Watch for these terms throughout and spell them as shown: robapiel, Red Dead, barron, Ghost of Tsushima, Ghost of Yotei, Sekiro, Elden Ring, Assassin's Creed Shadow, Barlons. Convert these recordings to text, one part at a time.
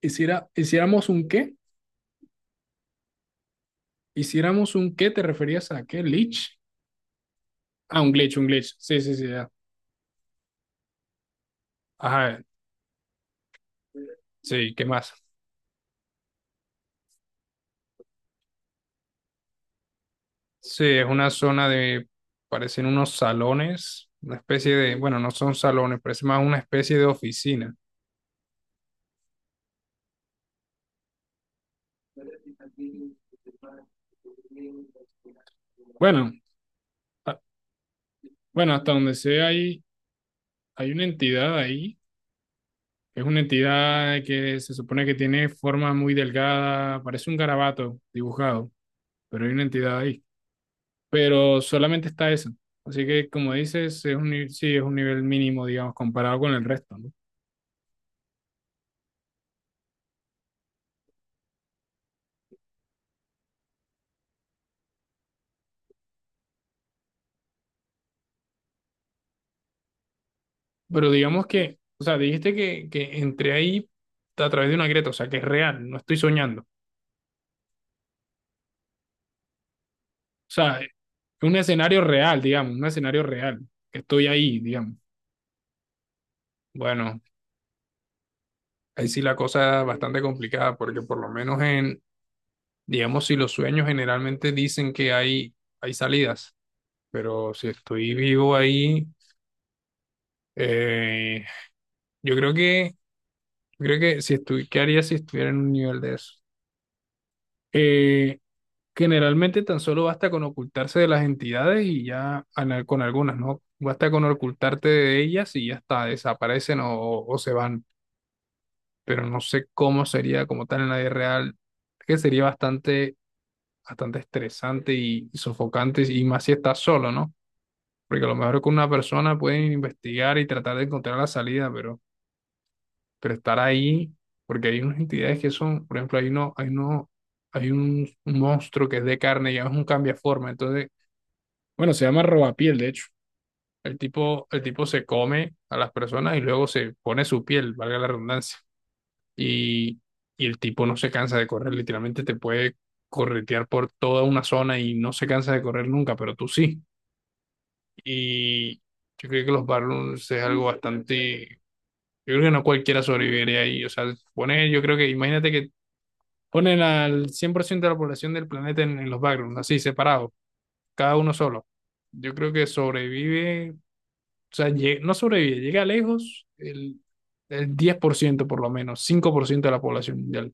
Hiciéramos un qué, hiciéramos un qué, ¿te referías a qué? ¿Glitch? Ah, un glitch, un glitch. Sí, sí, sí, ya. Ajá, sí, ¿qué más? Sí, es una zona de, parecen unos salones, una especie de, bueno, no son salones, parece más una especie de oficina. Bueno, a- bueno, hasta donde sé hay una entidad ahí. Es una entidad que se supone que tiene forma muy delgada, parece un garabato dibujado, pero hay una entidad ahí. Pero solamente está eso. Así que, como dices, es un, ni- sí, es un nivel mínimo, digamos, comparado con el resto, ¿no? Pero digamos que, o sea, dijiste que entré ahí a través de una grieta, o sea, que es real, no estoy soñando. O sea, es un escenario real, digamos, un escenario real, que estoy ahí, digamos. Bueno, ahí sí la cosa es bastante complicada, porque por lo menos en, digamos, si los sueños generalmente dicen que hay salidas, pero si estoy vivo ahí, eh, yo creo que... Creo que ¿qué haría si estuviera en un nivel de eso? Eh, Generalmente tan solo basta con ocultarse de las entidades y ya con algunas, ¿no? Basta con ocultarte de ellas y ya está, desaparecen o se van. Pero no sé cómo sería como tal en la vida real, que sería bastante, bastante estresante y sofocante, y más si estás solo, ¿no? Porque a lo mejor con una persona pueden investigar y tratar de encontrar la salida, pero estar ahí, porque hay unas entidades que son, por ejemplo, hay un monstruo que es de carne y es un cambiaforma, entonces, bueno, se llama robapiel, de hecho. El tipo se come a las personas y luego se pone su piel, valga la redundancia, y, y el tipo no se cansa de correr, literalmente te puede corretear por toda una zona y no se cansa de correr nunca, pero tú sí. Y yo creo que los Barlons es algo bastante. Yo creo que no cualquiera sobreviviría ahí. O sea, yo creo que, imagínate que ponen al 100% de la población del planeta en los backgrounds, así, separados, cada uno solo. Yo creo que sobrevive, o sea, no sobrevive, llega lejos el diez por ciento por lo menos, 5% de la población mundial.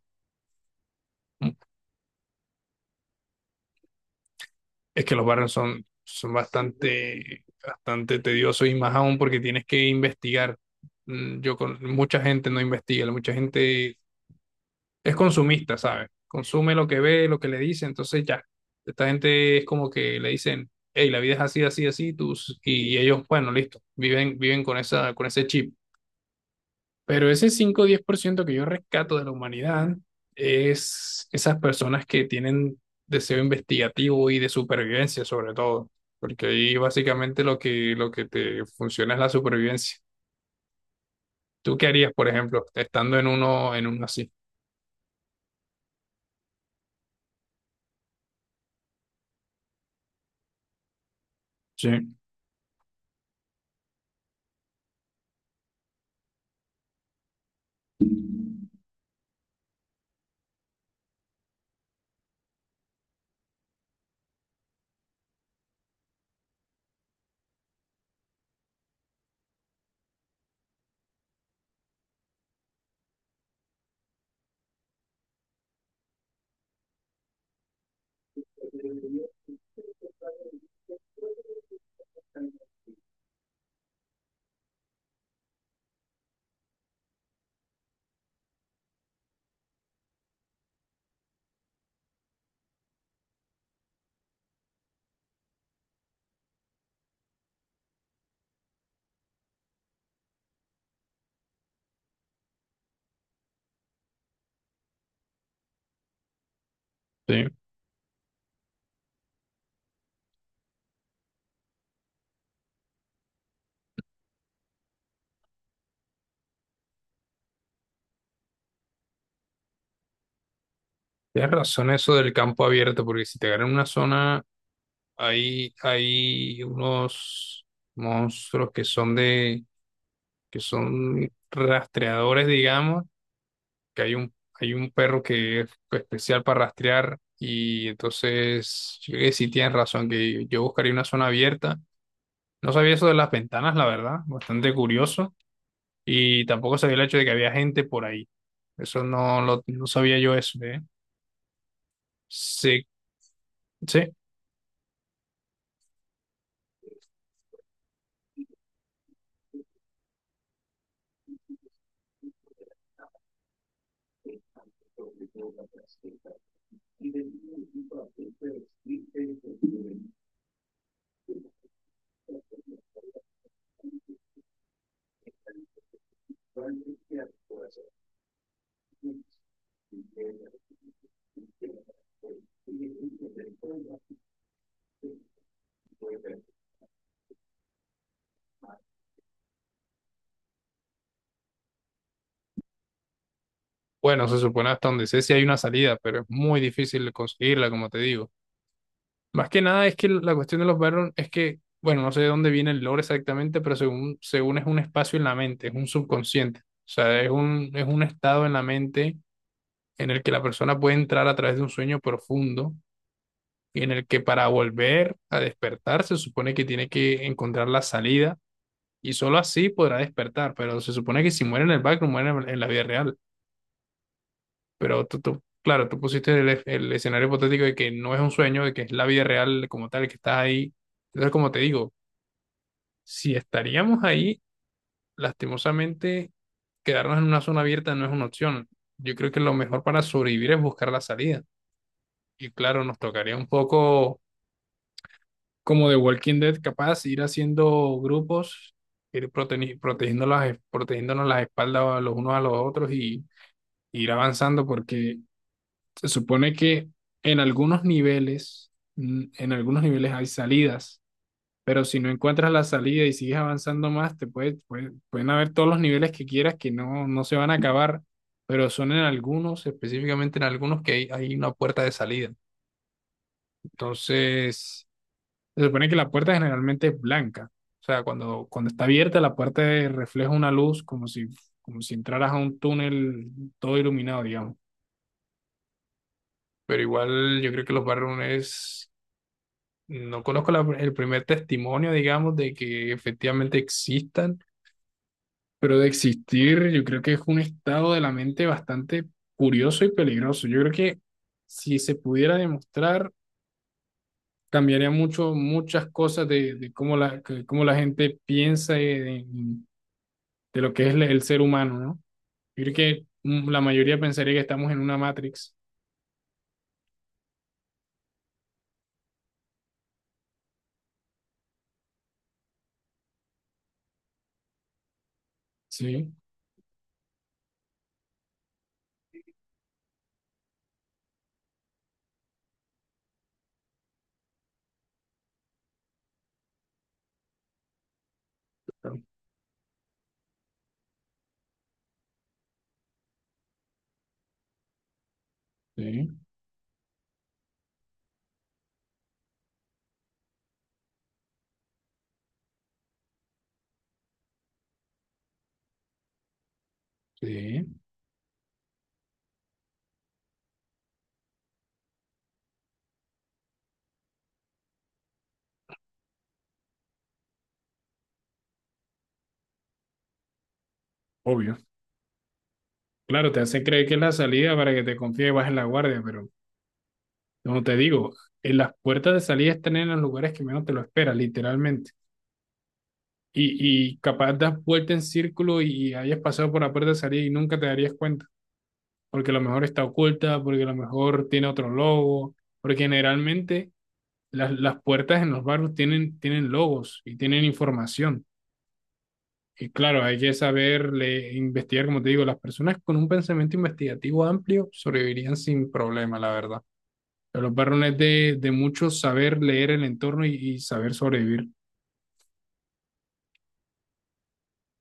Es que los backgrounds son bastante, bastante tediosos y más aún porque tienes que investigar. Yo con mucha gente no investiga, mucha gente es consumista, ¿sabes? Consume lo que ve, lo que le dice, entonces ya. Esta gente es como que le dicen, hey, la vida es así, así, así, tus, y ellos, bueno, listo, viven con ese chip. Pero ese 5 o 10% que yo rescato de la humanidad es esas personas que tienen deseo investigativo y de supervivencia, sobre todo, porque ahí básicamente lo que te funciona es la supervivencia. ¿Tú qué harías, por ejemplo, estando en uno así? Sí, sí. Tienes razón eso del campo abierto, porque si te ganan una zona, hay unos monstruos que son rastreadores, digamos, que hay un perro que es especial para rastrear, y entonces, yo creo que sí tienes razón, que yo buscaría una zona abierta. No sabía eso de las ventanas, la verdad, bastante curioso, y tampoco sabía el hecho de que había gente por ahí. Eso no lo, no sabía yo eso, ¿eh? Sí, sí. Bueno, se supone hasta donde sé si hay una salida, pero es muy difícil conseguirla, como te digo. Más que nada es que la cuestión de los Baron es que, bueno, no sé de dónde viene el lore exactamente, pero según es un espacio en la mente, es un subconsciente. O sea, es un estado en la mente en el que la persona puede entrar a través de un sueño profundo y en el que para volver a despertar se supone que tiene que encontrar la salida y solo así podrá despertar, pero se supone que si muere en el background, muere en la vida real. Pero claro, tú pusiste el escenario hipotético de que no es un sueño, de que es la vida real como tal, que estás ahí. Entonces, como te digo, si estaríamos ahí, lastimosamente, quedarnos en una zona abierta no es una opción. Yo creo que lo mejor para sobrevivir es buscar la salida. Y claro, nos tocaría un poco como de Walking Dead, capaz, ir haciendo grupos, ir protegiendo protegiéndonos las espaldas los unos a los otros y ir avanzando porque se supone que en algunos niveles, hay salidas, pero si no encuentras la salida y sigues avanzando más, pueden haber todos los niveles que quieras que no se van a acabar, pero son en algunos, específicamente en algunos que hay una puerta de salida. Entonces, se supone que la puerta generalmente es blanca. O sea, cuando está abierta, la puerta refleja una luz como si entraras a un túnel todo iluminado, digamos. Pero igual yo creo que los barrones. No conozco el primer testimonio, digamos, de que efectivamente existan, pero de existir yo creo que es un estado de la mente bastante curioso y peligroso. Yo creo que si se pudiera demostrar, cambiaría mucho, muchas cosas de cómo cómo la gente piensa de lo que es el ser humano, ¿no? Yo creo que la mayoría pensaría que estamos en una Matrix. Sí, claro, sí, sí, obvio. Claro, te hace creer que es la salida para que te confíes y bajes la guardia, pero como te digo, en las puertas de salida están en los lugares que menos te lo esperas, literalmente. Y capaz das vuelta en círculo y hayas pasado por la puerta de salida y nunca te darías cuenta, porque a lo mejor está oculta, porque a lo mejor tiene otro logo, porque generalmente las puertas en los barrios tienen logos y tienen información. Y claro, hay que saber investigar, como te digo, las personas con un pensamiento investigativo amplio sobrevivirían sin problema, la verdad. El varón es de mucho saber leer el entorno y saber sobrevivir.